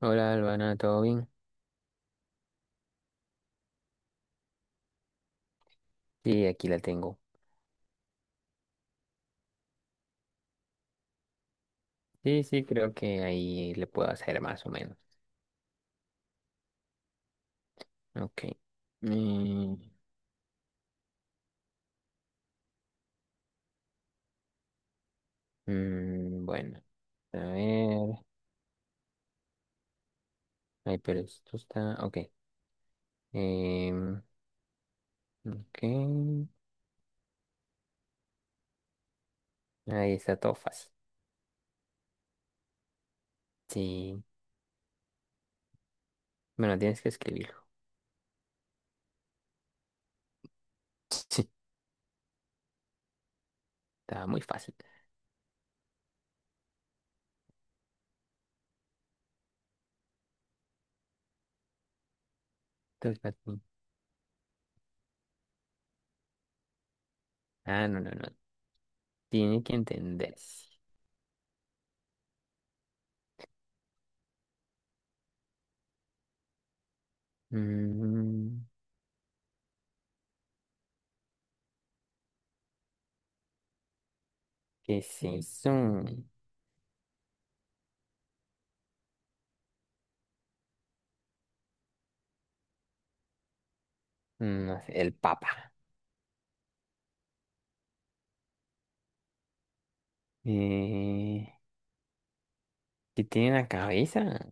Hola, Albana, ¿todo bien? Sí, aquí la tengo. Sí, sí, creo que ahí le puedo hacer más o menos. Ok. Mm, bueno, a ver. Ay, pero esto está. Ok. Em, ok. Ahí está todo fácil. Sí. Bueno, tienes que escribirlo. Sí, está muy fácil. Todo es para ti. Ah, no, no, no. Tiene que entenderse. Mm, ¿qué es eso? No sé, el papa. Eh, Sí tiene una cabeza,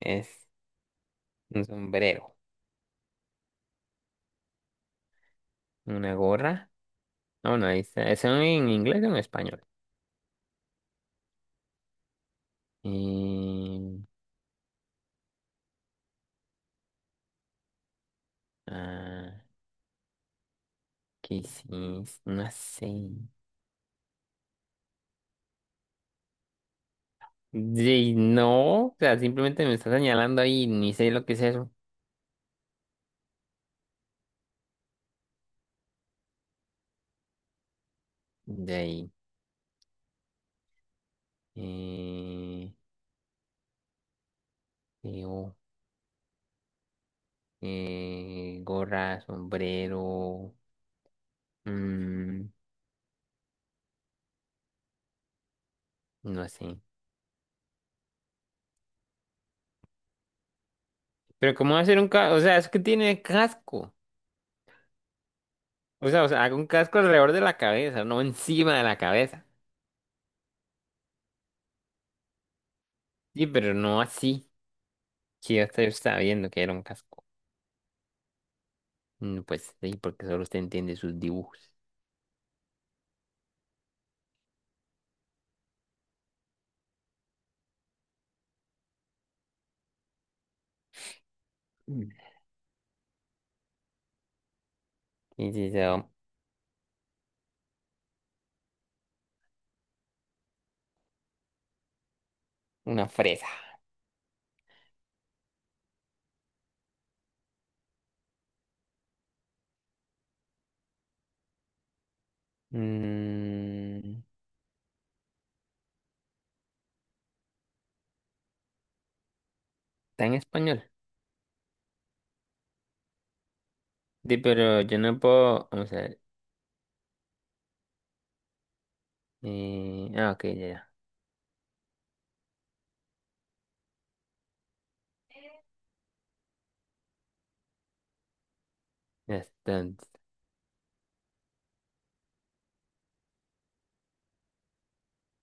es un sombrero, una gorra. Ah, bueno, ahí está. ¿Es en inglés o en español? Em, ah, ¿qué sí? No sé. De ahí, no, o sea, simplemente me está señalando ahí, ni sé lo que es eso. De ahí. Eh, creo, gorra, sombrero. mm, no sé. Pero ¿cómo va a ser un casco? O sea, es que tiene casco. O sea, haga un casco alrededor de la cabeza, no encima de la cabeza. Sí, pero no así. Que ya yo estaba viendo que era un casco. Mm, pues sí, porque solo usted entiende sus dibujos. Mm. Y sí, so, una fresa. Mm, está en español. Sí, pero yo no puedo. Vamos a ver. Ah, ok, ya, ya. Ya está. No,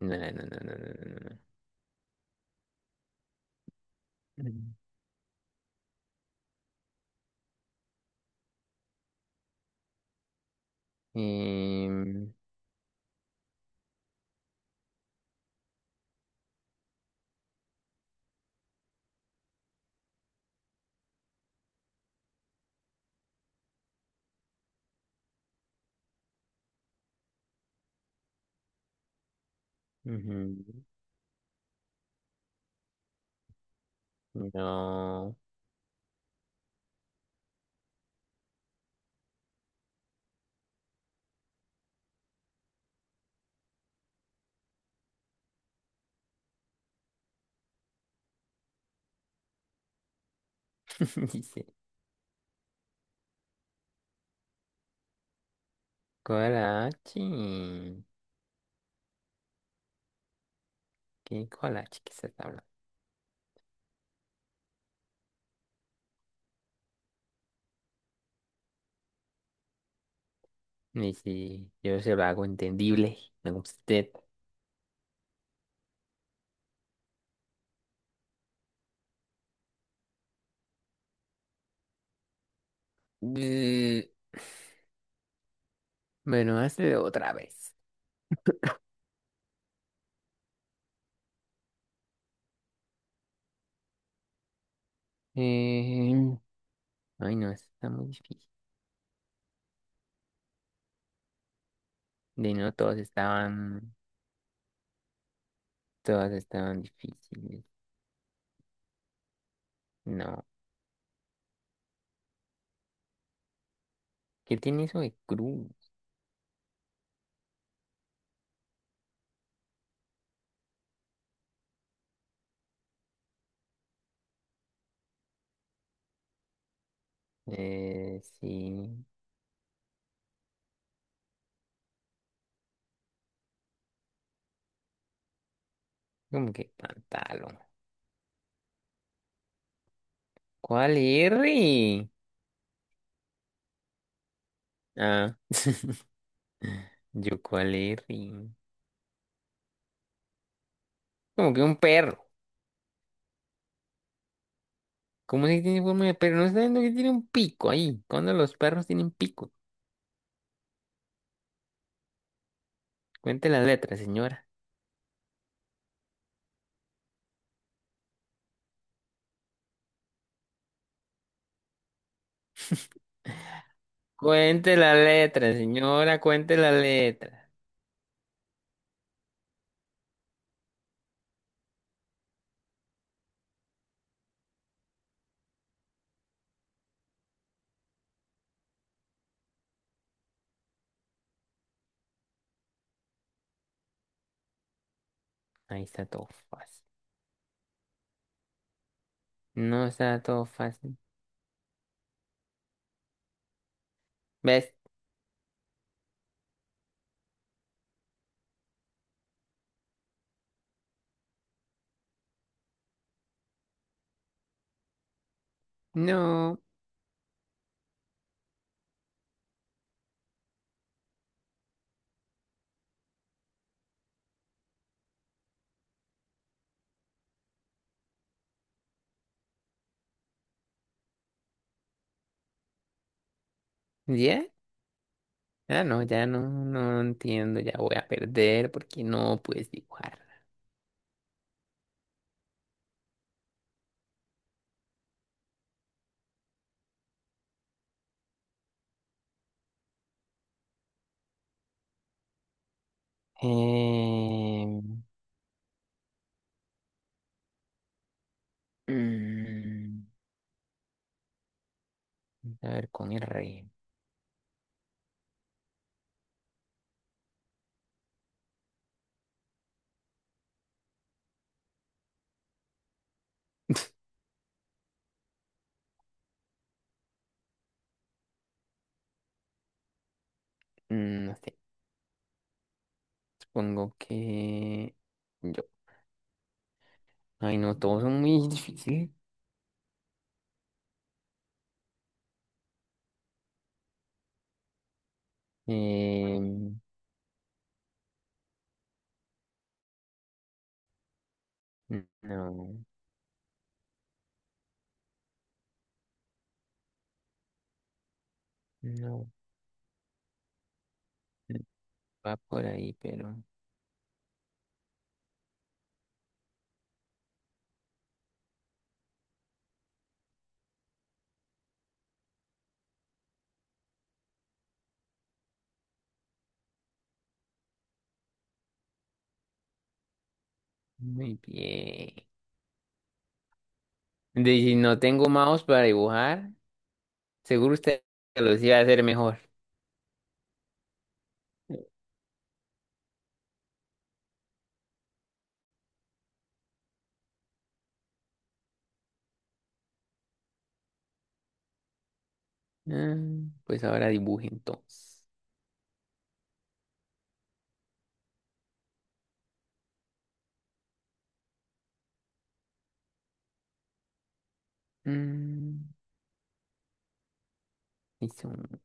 no, no, no, no, no, no. No. Mm. Em, ujú. No. Dice. Coraje. ¿Qué collage que se está hablando? Y si yo se lo hago entendible, no como usted. Mm, bueno, hazlo otra vez. Eh, ay, no, esto está muy difícil. De no, todos estaban, todas estaban difíciles. No. ¿Qué tiene eso de cruz? Sí. Como que pantalón. ¿Cuál R? Ah, yo cuál R. Como que un perro. ¿Cómo es que tiene forma de perro? No está viendo que tiene un pico ahí. ¿Cuándo los perros tienen pico? Cuente las letras, señora. Cuente las letras, señora. Cuente las letras. Ahí está todo fácil. No está todo fácil. ¿Ves? No. ¿Ya? Ah, no, ya no, no entiendo. Ya voy a perder porque no puedes dibujar. Eh, mm, a ver, con R. Mm, no sé. Supongo que. Yo. Ay, no, todos son muy difíciles. Em, no, no, va por ahí, pero muy bien. De, si no tengo mouse para dibujar, seguro usted lo iba a hacer mejor. Mm, pues ahora dibuje entonces. Mm, hizo un-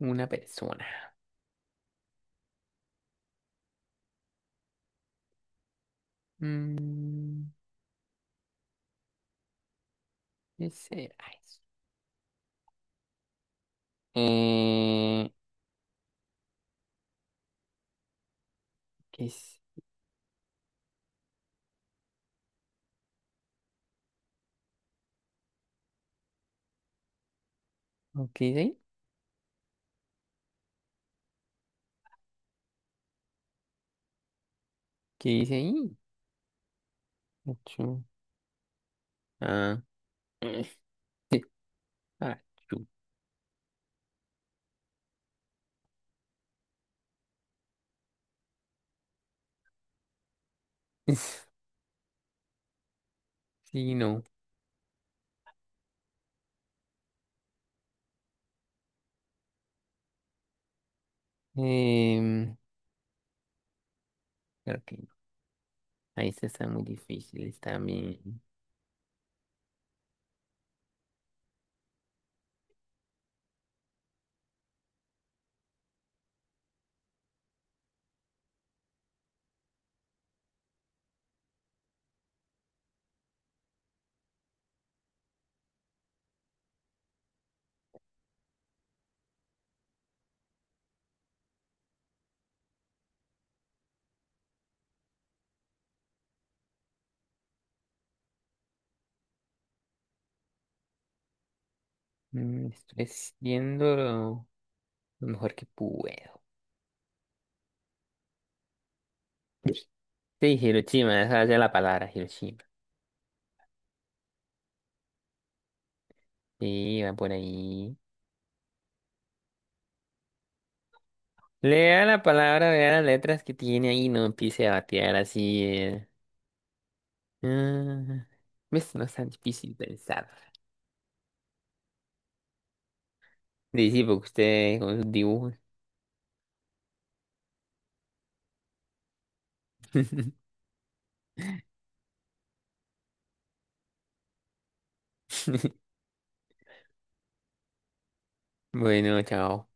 una persona. Mm, ¿qué será eso? Eh, ¿Qué es? ¿Qué dice ahí? ¿Qué dice ahí? Achú. Ah. Achú. Sí, no. Em, creo que no. Ahí se están muy difíciles también. Mm, lo mejor que puedo. Sí, Hiroshima, esa es la palabra, Hiroshima. Sí, va por ahí. Lea la palabra, vea las letras que tiene ahí, no empiece a batear así, eh. Ah, ¿ves? No es tan difícil pensar. Dice, porque usted con sus dibujos. Bueno, chao.